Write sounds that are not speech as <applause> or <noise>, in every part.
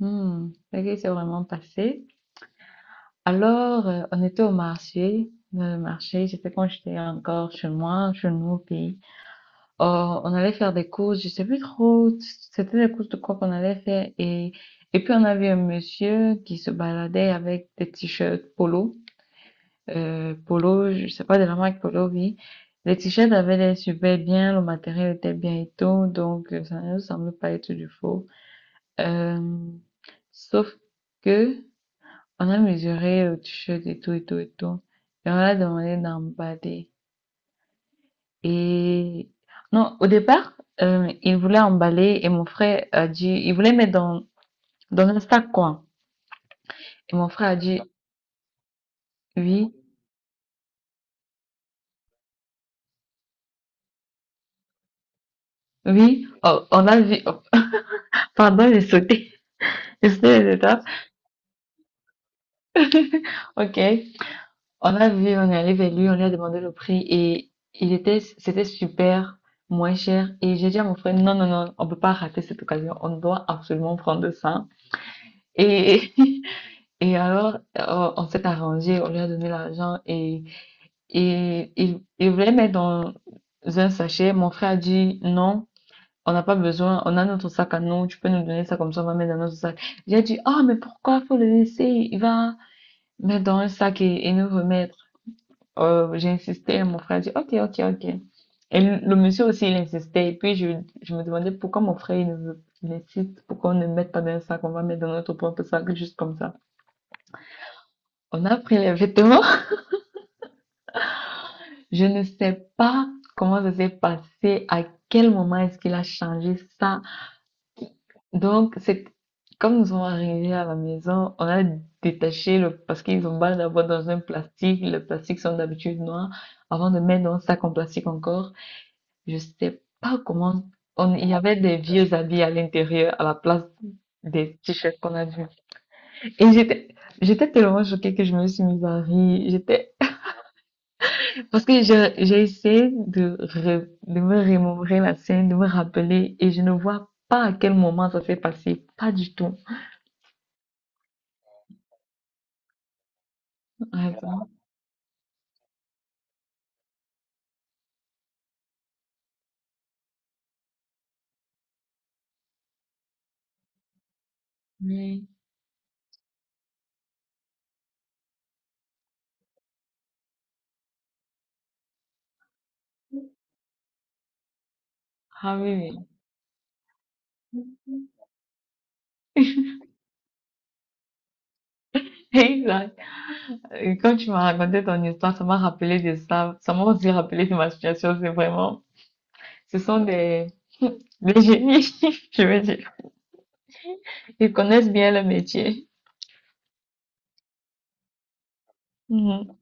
Mmh, c'est que c'est vraiment passé. Alors, on était au marché. Le marché, c'était quand j'étais encore chez moi, chez nous, au pays. Oh, on allait faire des courses, je sais plus trop, c'était des courses de quoi qu'on allait faire. Et puis, on avait un monsieur qui se baladait avec des t-shirts polo. Polo, je sais pas de la marque polo, oui. Les t-shirts avaient l'air super bien, le matériel était bien et tout, donc ça ne nous semblait pas être du faux. Euh, sauf que on a mesuré le t-shirt et tout, et tout, et tout. Et on a demandé d'emballer. Et non, au départ, il voulait emballer et mon frère a dit, il voulait mettre dans, dans un sac, quoi. Et mon frère a dit, oui, oui. Oh, on a vu, oh, <laughs> pardon, j'ai sauté, <laughs> j'ai sauté les étapes. <laughs> Ok. On a vu, on est allé vers lui, on lui a demandé le prix et il était, c'était super moins cher. Et j'ai dit à mon frère, non, non, non, on peut pas rater cette occasion, on doit absolument prendre ça. Et, <laughs> et alors, on s'est arrangé, on lui a donné l'argent et il voulait mettre dans un sachet. Mon frère a dit non, on n'a pas besoin, on a notre sac à nous, tu peux nous donner ça comme ça, on va mettre dans notre sac. J'ai dit, ah, mais pourquoi faut le laisser? Il va mettre dans un sac et nous remettre. J'ai insisté, mon frère a dit, ok, ok, ok. Et le monsieur aussi, il insistait. Et puis, je me demandais pourquoi mon frère, il ne veut, il insiste, pourquoi on ne met pas dans un sac, on va mettre dans notre propre sac, juste comme ça. On a pris les vêtements. Je ne sais pas comment ça s'est passé, à quel moment est-ce qu'il a changé ça. Donc, c'est comme nous sommes arrivés à la maison, on a détaché le, parce qu'ils ont mal d'avoir dans un plastique. Le plastique sont d'habitude noirs. Avant de mettre dans un sac en plastique encore, je sais pas comment on, il y avait des vieux habits à l'intérieur à la place des t-shirts qu'on a vus. Et j'étais, j'étais tellement choquée que je me suis mise à rire. J'étais, parce que j'ai essayé de, de me remémorer la scène, de me rappeler, et je ne vois pas à quel moment ça s'est passé. Pas du tout. Attends, oui. Ah oui, oui. <laughs> Exact. Et quand tu m'as raconté ton histoire, ça m'a rappelé de ça. Ça m'a aussi rappelé de ma situation. C'est vraiment, ce sont des génies, <laughs> je veux dire. Ils connaissent bien le métier. Mhm.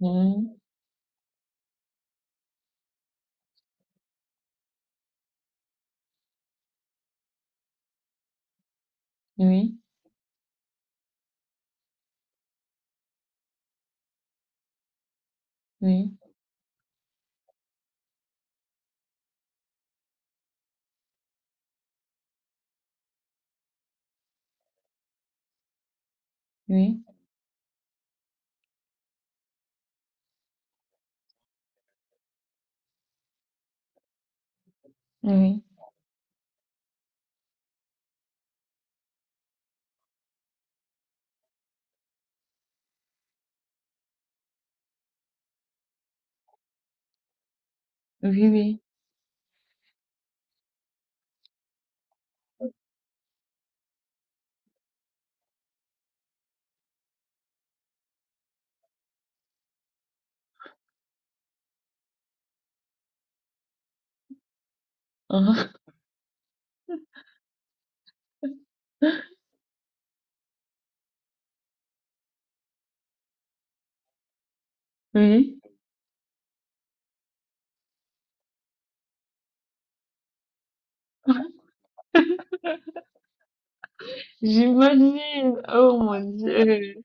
Mhm. Oui, oui, oui, oui, oui, oui. <laughs> Uhum. Oui. J'imagine, oh mon Dieu,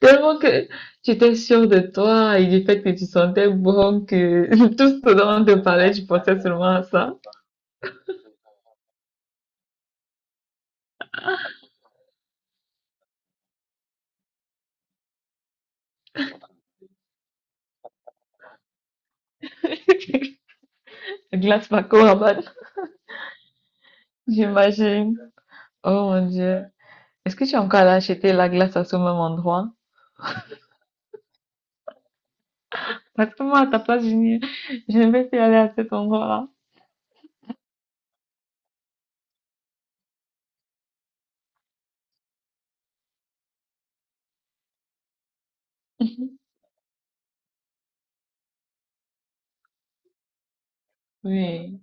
tellement que tu étais sûre de toi et du fait que tu sentais bon que <laughs> tout ce dont on te parlait, tu pensais seulement à ça. <laughs> Glace Paco Rabanne, j'imagine. Oh mon Dieu, est-ce que tu es encore allé acheter la glace à ce même endroit? Parce que moi, à ta place, je ne vais plus aller à cet endroit-là. Oui,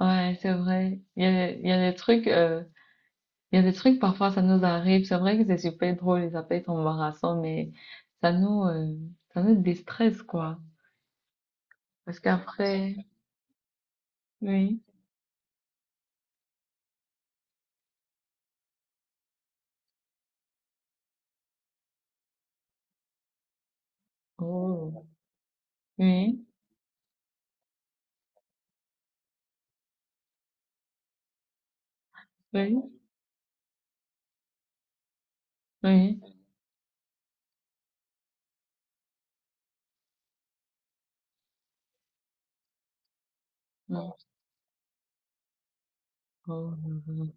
ouais, c'est vrai. Il y a des trucs, il y a des trucs, parfois, ça nous arrive. C'est vrai que c'est super drôle et ça peut être embarrassant, mais ça nous, euh, ça nous déstresse, quoi. Parce qu'après, oui, oh, oui, oui, oui, non, oh, non, non,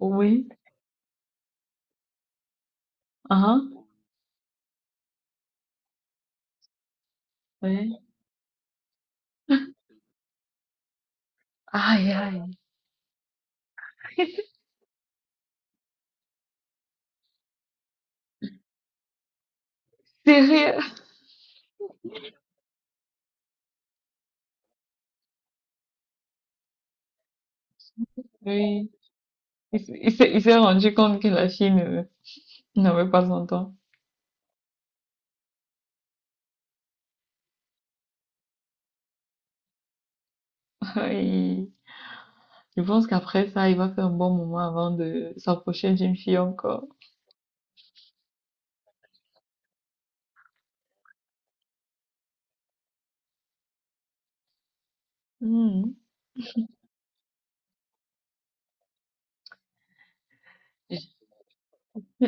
oh, oui, ah, oui, aïe, aïe, <laughs> sérieux, oui. Il s'est rendu compte que la Chine n'avait pas son temps. <laughs> Il, il pense qu'après ça, il va faire un bon moment avant de s'approcher d'une fille encore. Hmm. Je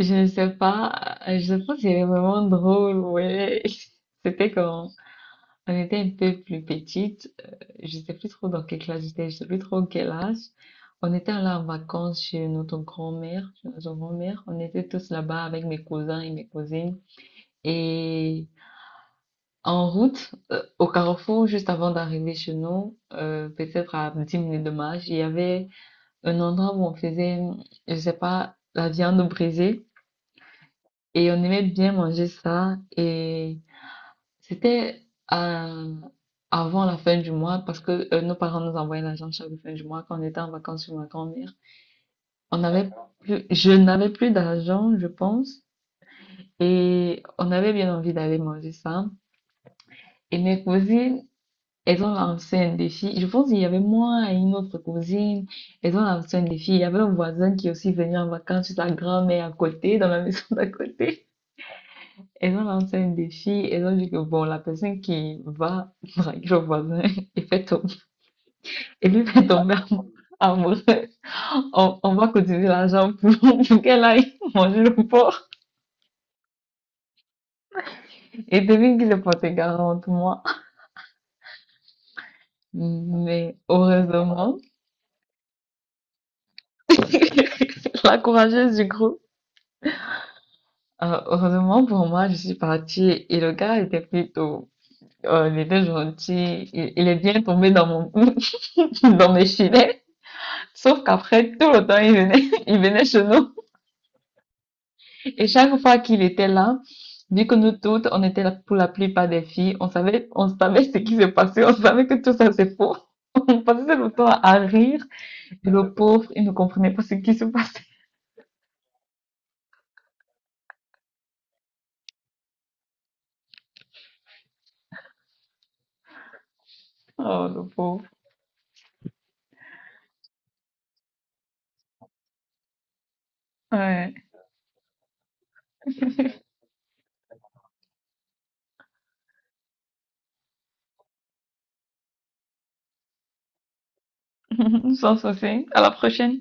je ne sais pas, je pense qu'il est vraiment drôle, ouais. <laughs> C'était quand on était un peu plus petite, je sais plus trop dans quelle classe j'étais, je sais plus trop quel âge. On était là en vacances chez notre grand-mère, chez notre grand-mère. On était tous là-bas avec mes cousins et mes cousines. Et en route, au carrefour, juste avant d'arriver chez nous, peut-être à 10 minutes de marche, il y avait un endroit où on faisait, je sais pas, la viande brisée. Et on aimait bien manger ça. Et c'était euh, avant la fin du mois parce que nos parents nous envoyaient l'argent chaque fin du mois quand on était en vacances chez ma grand-mère. On n'avait je n'avais plus d'argent, je pense. Et on avait bien envie d'aller manger ça. Et mes cousines, elles ont lancé un défi. Je pense qu'il y avait moi et une autre cousine. Elles ont lancé un défi. Il y avait un voisin qui est aussi venu en vacances chez sa grand-mère à côté, dans la maison d'à côté. Elles ont lancé un défi, elles ont dit que bon, la personne qui va draguer le voisin <laughs> et fait tomber, et lui fait tomber <laughs> amoureuse, on va cotiser l'argent pour, <laughs> pour qu'elle aille manger le porc. Et devine qui se portait garante, moi. Mais heureusement, <laughs> la courageuse du groupe, heureusement pour moi, je suis partie et le gars était plutôt, il était gentil, il est bien tombé dans mon, <laughs> dans mes filets. Sauf qu'après, tout le temps, il venait, <laughs> il venait chez nous. Et chaque fois qu'il était là, vu que nous toutes, on était là pour la plupart des filles, on savait ce qui se passait, on savait que tout ça c'est faux. <laughs> On passait le temps à rire. Et le pauvre, il ne comprenait pas ce qui se passait. Oh, le pauvre. Ouais. <laughs> Sans souci. À la prochaine.